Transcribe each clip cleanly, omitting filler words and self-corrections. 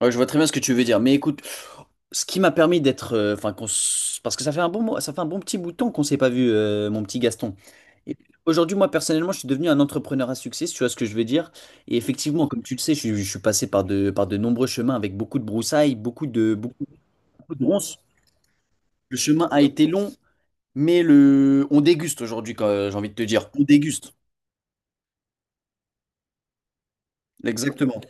Ouais, je vois très bien ce que tu veux dire. Mais écoute, ce qui m'a permis d'être, enfin, parce que ça fait un bon, ça fait un bon petit bout de temps qu'on s'est pas vu, mon petit Gaston. Et aujourd'hui, moi personnellement, je suis devenu un entrepreneur à succès, si tu vois ce que je veux dire. Et effectivement, comme tu le sais, je suis passé par de nombreux chemins avec beaucoup de broussailles, beaucoup de, beaucoup, beaucoup de ronces. Le chemin a été long, mais le, on déguste aujourd'hui, j'ai envie de te dire, on déguste. Exactement,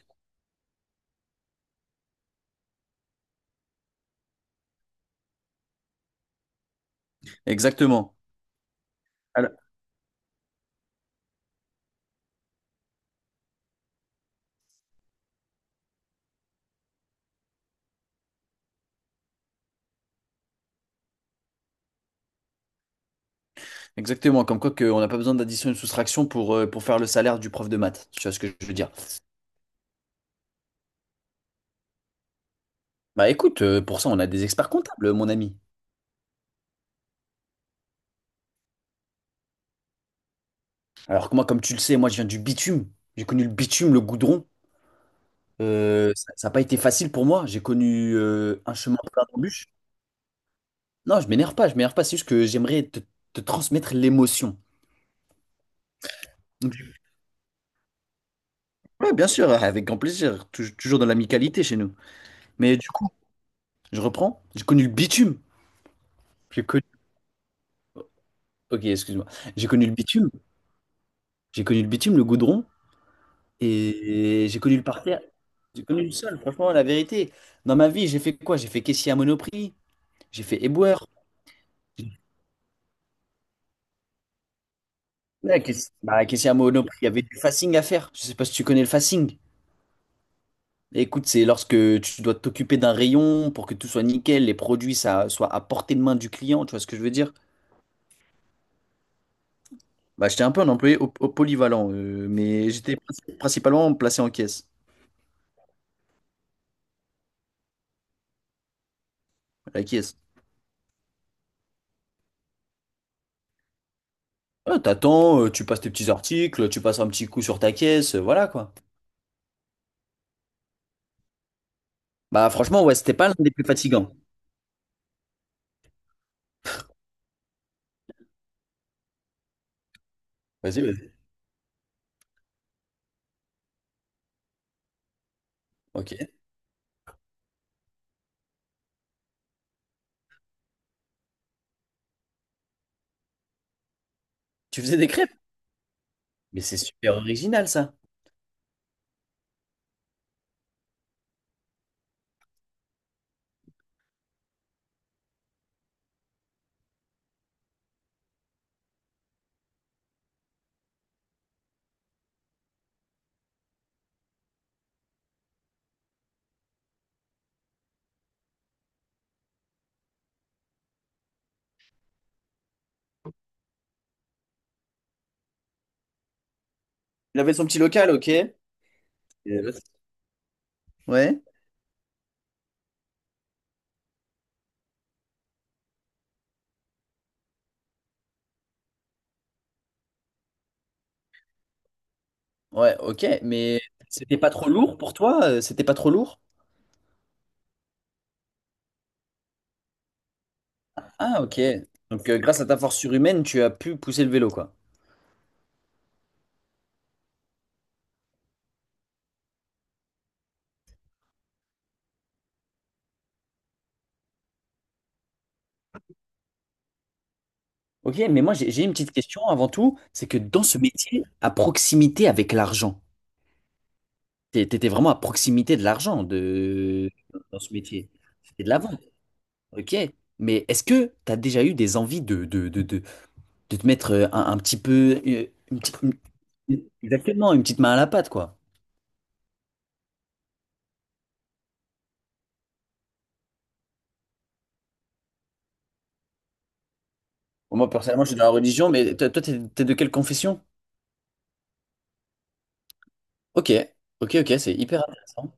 exactement, exactement. Comme quoi qu'on n'a pas besoin d'addition et de soustraction pour faire le salaire du prof de maths. Tu vois ce que je veux dire? Bah écoute, pour ça, on a des experts comptables, mon ami. Alors que moi, comme tu le sais, moi, je viens du bitume. J'ai connu le bitume, le goudron. Ça n'a pas été facile pour moi. J'ai connu un chemin plein d'embûches. Non, je m'énerve pas. C'est juste que j'aimerais te transmettre l'émotion. Donc, ouais, bien sûr, avec grand plaisir. Toujours dans l'amicalité chez nous. Mais du coup, je reprends. J'ai connu le bitume. J'ai connu... Ok, excuse-moi. J'ai connu le bitume. J'ai connu le bitume, le goudron. Et j'ai connu le parterre, j'ai connu le sol, franchement, la vérité. Dans ma vie, j'ai fait quoi? J'ai fait caissier à Monoprix, j'ai fait éboueur. Ouais, bah, caissier à Monoprix, il y avait du facing à faire. Je sais pas si tu connais le facing. Écoute, c'est lorsque tu dois t'occuper d'un rayon pour que tout soit nickel, les produits ça, soient à portée de main du client, tu vois ce que je veux dire? Bah, j'étais un peu un employé au polyvalent, mais j'étais principalement placé en caisse, à la caisse. Ah, t'attends, tu passes tes petits articles, tu passes un petit coup sur ta caisse, voilà quoi. Bah franchement, ouais, c'était pas l'un des plus fatigants. Vas-y, vas-y. Ok. Tu faisais des crêpes? Mais c'est super original, ça. Il avait son petit local, ok. Et là, c'est- ouais. Ouais, ok. Mais c'était pas trop lourd pour toi? C'était pas trop lourd? Ah, ok. Donc, grâce à ta force surhumaine, tu as pu pousser le vélo, quoi. Ok, mais moi, j'ai une petite question avant tout. C'est que dans ce métier, à proximité avec l'argent, t'étais vraiment à proximité de l'argent de... dans ce métier. C'était de la vente. Ok. Mais est-ce que tu as déjà eu des envies de te mettre un petit peu, une petite- une- exactement, une petite main à la pâte, quoi. Bon, moi, personnellement, je suis dans la religion, mais toi, t'es de quelle confession? Ok, ok, ok, c'est hyper intéressant.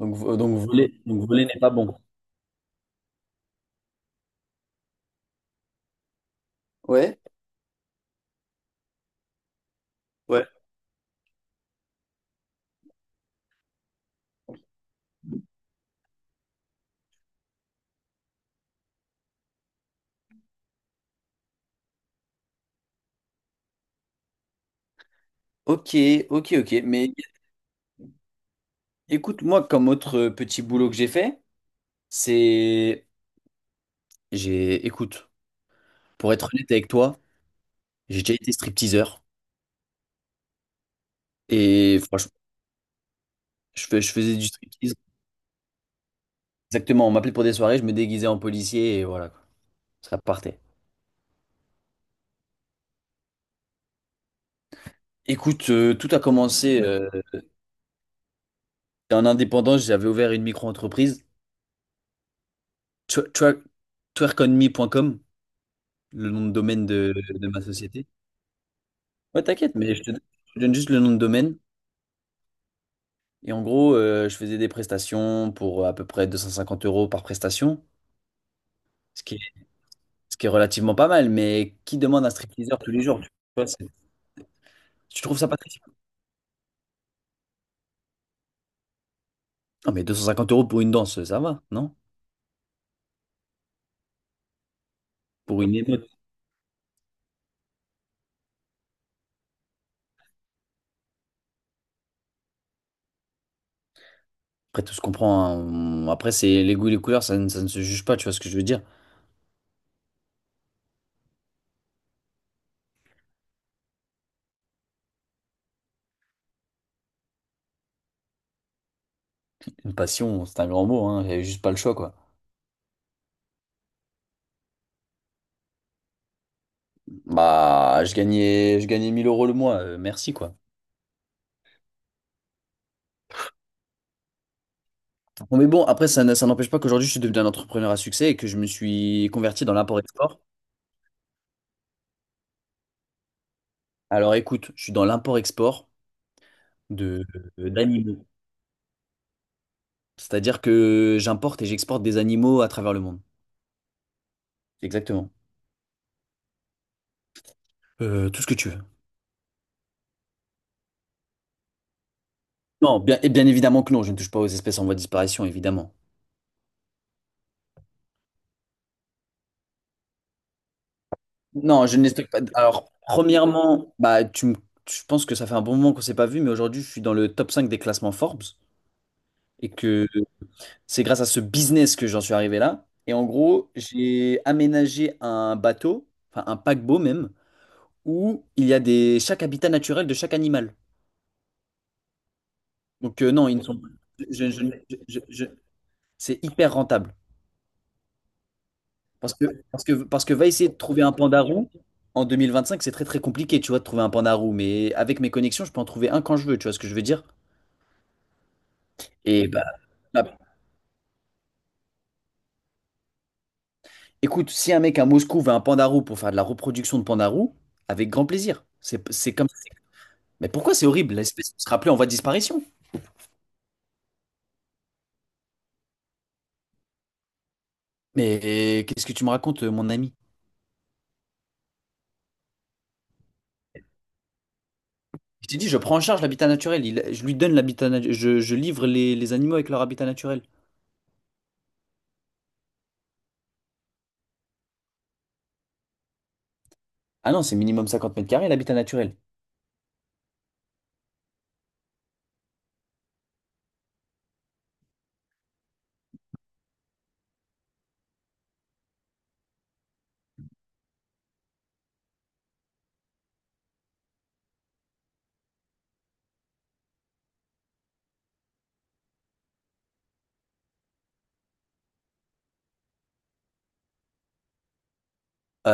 Donc, donc voler n'est pas bon. Ouais, ouais. Ok, ok, ok. Mais écoute, moi, comme autre petit boulot que j'ai fait, c'est, j'ai, écoute, pour être honnête avec toi, j'ai déjà été stripteaseur et franchement, je faisais du striptease. Exactement, on m'appelait pour des soirées, je me déguisais en policier et voilà, quoi. Ça partait. Écoute, tout a commencé en indépendance. J'avais ouvert une micro-entreprise, twer- twer- twerkonme.com, le nom de domaine de ma société. Ouais, t'inquiète, mais je te donne juste le nom de domaine. Et en gros, je faisais des prestations pour à peu près 250 € par prestation, ce qui est, ce qui est relativement pas mal. Mais qui demande un stripteaseur tous les jours? Vois, c'est- tu trouves ça pas très... Non, mais 250 € pour une danse, ça va, non? Pour une émeute. Après, tout se comprend, hein. Après, c'est les goûts et les couleurs, ça ne se juge pas, tu vois ce que je veux dire? Une passion, c'est un grand mot, hein. J'avais juste pas le choix, quoi. Bah, je gagnais 1 000 € le mois, merci, quoi. Bon, mais bon, après, ça n'empêche pas qu'aujourd'hui, je suis devenu un entrepreneur à succès et que je me suis converti dans l'import-export. Alors, écoute, je suis dans l'import-export de, d'animaux. C'est-à-dire que j'importe et j'exporte des animaux à travers le monde. Exactement. Tout ce que tu veux. Non, bien, et bien évidemment que non, je ne touche pas aux espèces en voie de disparition, évidemment. Non, je ne les stocke pas. Alors, premièrement, bah, je pense que ça fait un bon moment qu'on s'est pas vu, mais aujourd'hui, je suis dans le top 5 des classements Forbes et que c'est grâce à ce business que j'en suis arrivé là. Et en gros, j'ai aménagé un bateau, enfin un paquebot même, où il y a des chaque habitat naturel de chaque animal. Donc, non, ils ne sont. je- je- je- je- je- c'est hyper rentable. Parce que va essayer de trouver un panda roux en 2025 c'est très très compliqué, tu vois, de trouver un panda roux. Mais avec mes connexions, je peux en trouver un quand je veux, tu vois ce que je veux dire? Et bah, écoute, si un mec à Moscou veut un panda roux pour faire de la reproduction de panda roux, avec grand plaisir. C'est comme ça. Mais pourquoi c'est horrible? L'espèce sera plus en voie de disparition. Mais eh, qu'est-ce que tu me racontes, mon ami? Je t'ai dit, je prends en charge l'habitat naturel. Je lui donne l'habitat, je livre les animaux avec leur habitat naturel. Ah non, c'est minimum 50 m² l'habitat naturel. Euh,